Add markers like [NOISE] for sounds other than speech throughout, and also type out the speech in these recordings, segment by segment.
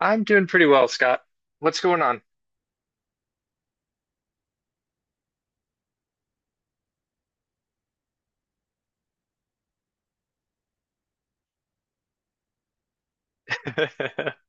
I'm doing pretty well, Scott. What's going on? [LAUGHS]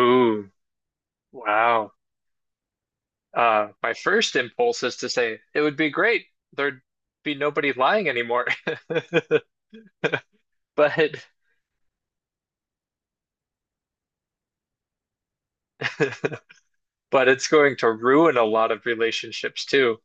Ooh, wow. My first impulse is to say it would be great. There'd be nobody lying anymore. [LAUGHS] But [LAUGHS] but it's going to ruin a lot of relationships too.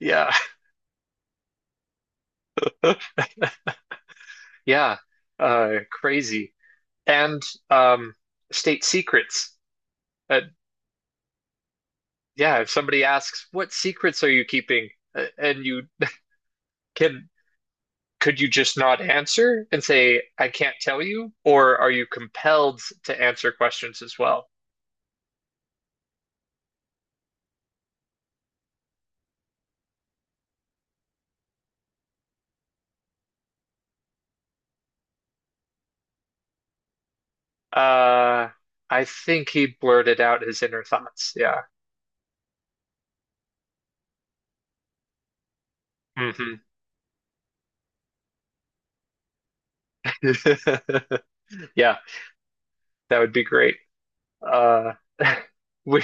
Yeah. [LAUGHS] Yeah. Crazy. And um, state secrets. Uh, yeah, if somebody asks, what secrets are you keeping? And you can could you just not answer and say, I can't tell you? Or are you compelled to answer questions as well? Uh, I think he blurted out his inner thoughts. Yeah. hmm [LAUGHS] Yeah, that would be great. Uh, [LAUGHS] we,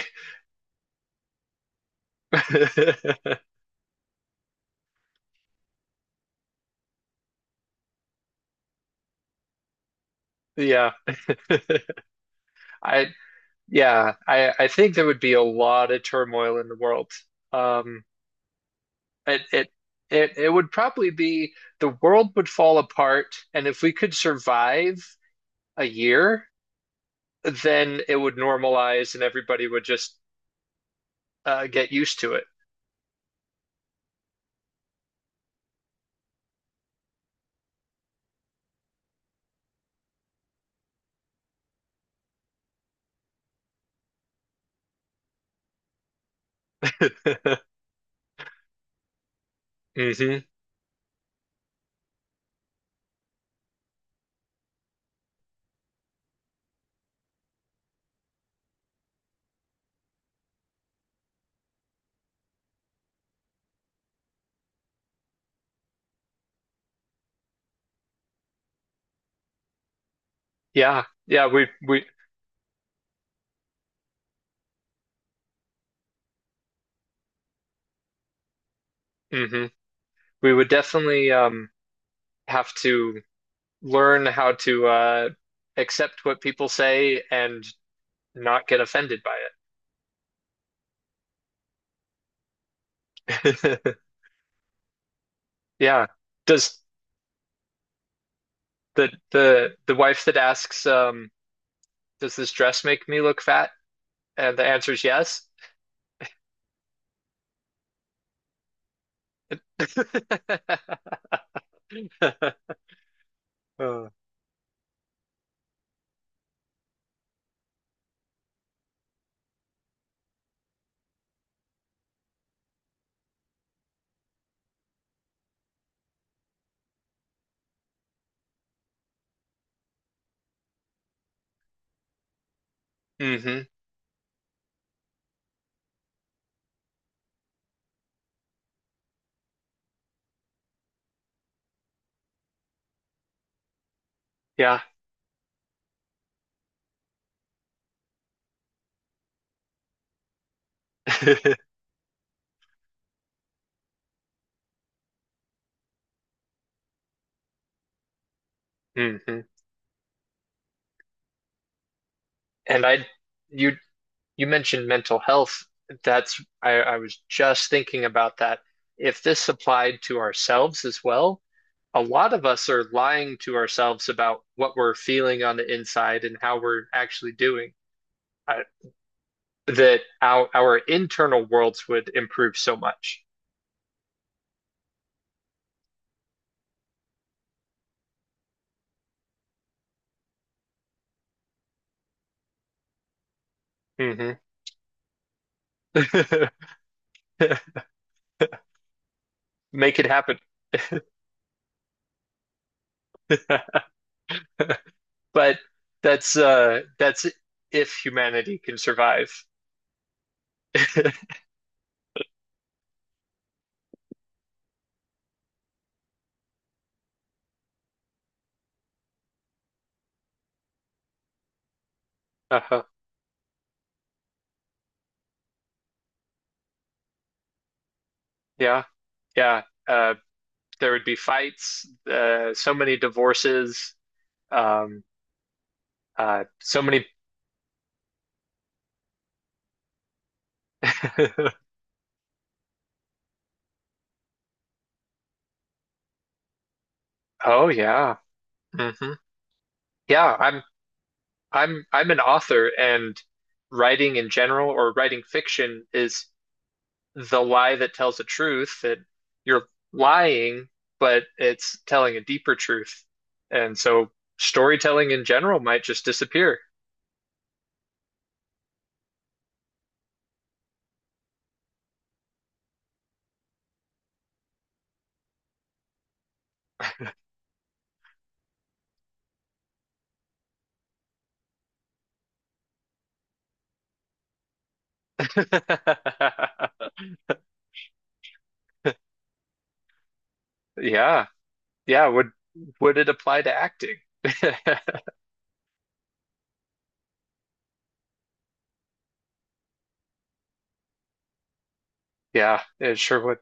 [LAUGHS] yeah. [LAUGHS] I, yeah, I think there would be a lot of turmoil in the world. Um, it, it, it would probably be the world would fall apart, and if we could survive, a year, then it would normalize and everybody would just get used to it. [LAUGHS] hmm Yeah, yeah, we hmm we would definitely have to learn how to accept what people say and not get offended by it. [LAUGHS] Yeah. Does the wife that asks, does this dress make me look fat? And the answer is yes. [LAUGHS] Uh, hmm Yeah. [LAUGHS] hmm And you, you mentioned mental health. That's, I was just thinking about that. If this applied to ourselves as well, a lot of us are lying to ourselves about what we're feeling on the inside and how we're actually doing. I, that our internal worlds would improve so much. Hmm [LAUGHS] Make it happen. [LAUGHS] But that's if humanity can survive. [LAUGHS] Uh-huh. Yeah. Yeah. Uh, there would be fights, so many divorces, um, so many. [LAUGHS] Oh yeah, hmm yeah. I'm an author, and writing in general or writing fiction is the lie that tells the truth that you're lying, but it's telling a deeper truth, and so storytelling in general might just disappear. [LAUGHS] Yeah, yeah. Would it apply to acting? [LAUGHS] Yeah, it sure would.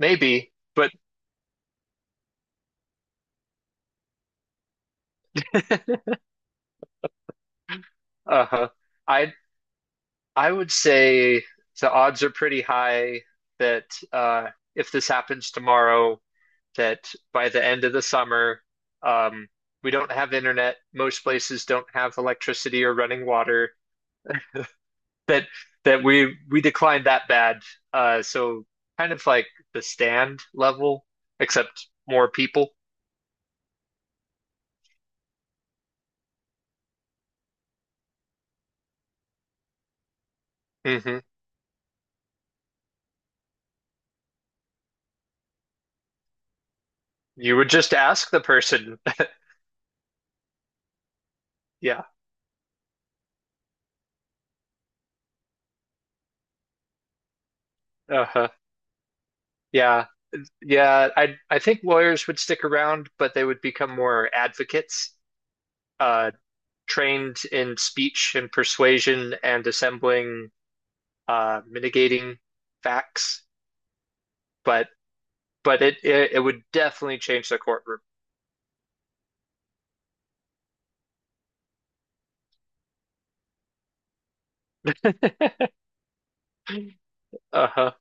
Maybe, but [LAUGHS] uh I I would say the odds are pretty high that uh, if this happens tomorrow, that by the end of the summer, um, we don't have internet. Most places don't have electricity or running water. That that we declined that bad. So kind of like the stand level, except more people. Hmm You would just ask the person. [LAUGHS] Yeah. Uh-huh. Yeah. Yeah, I think lawyers would stick around, but they would become more advocates, uh, trained in speech and persuasion and assembling, mitigating facts. But but it would definitely change the courtroom. Uh-huh.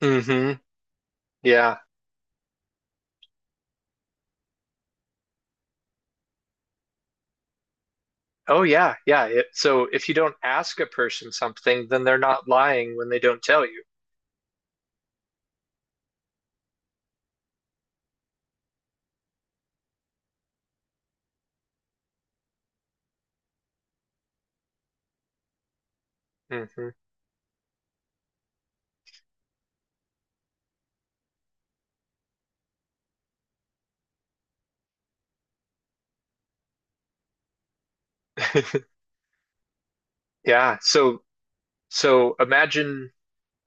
hmm Yeah. Oh yeah, yeah. It, so if you don't ask a person something, then they're not lying when they don't tell you. Hmm [LAUGHS] Yeah. So imagine.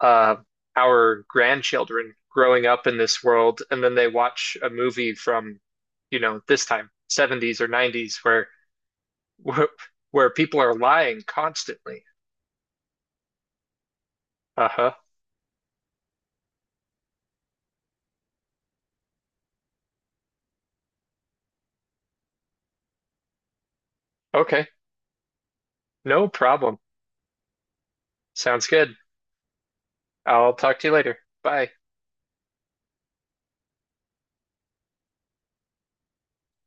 uh, our grandchildren growing up in this world, and then they watch a movie from, you know, this time, 70s or 90s, where, where people are lying constantly. Uh-huh. Okay. No problem. Sounds good. I'll talk to you later. Bye.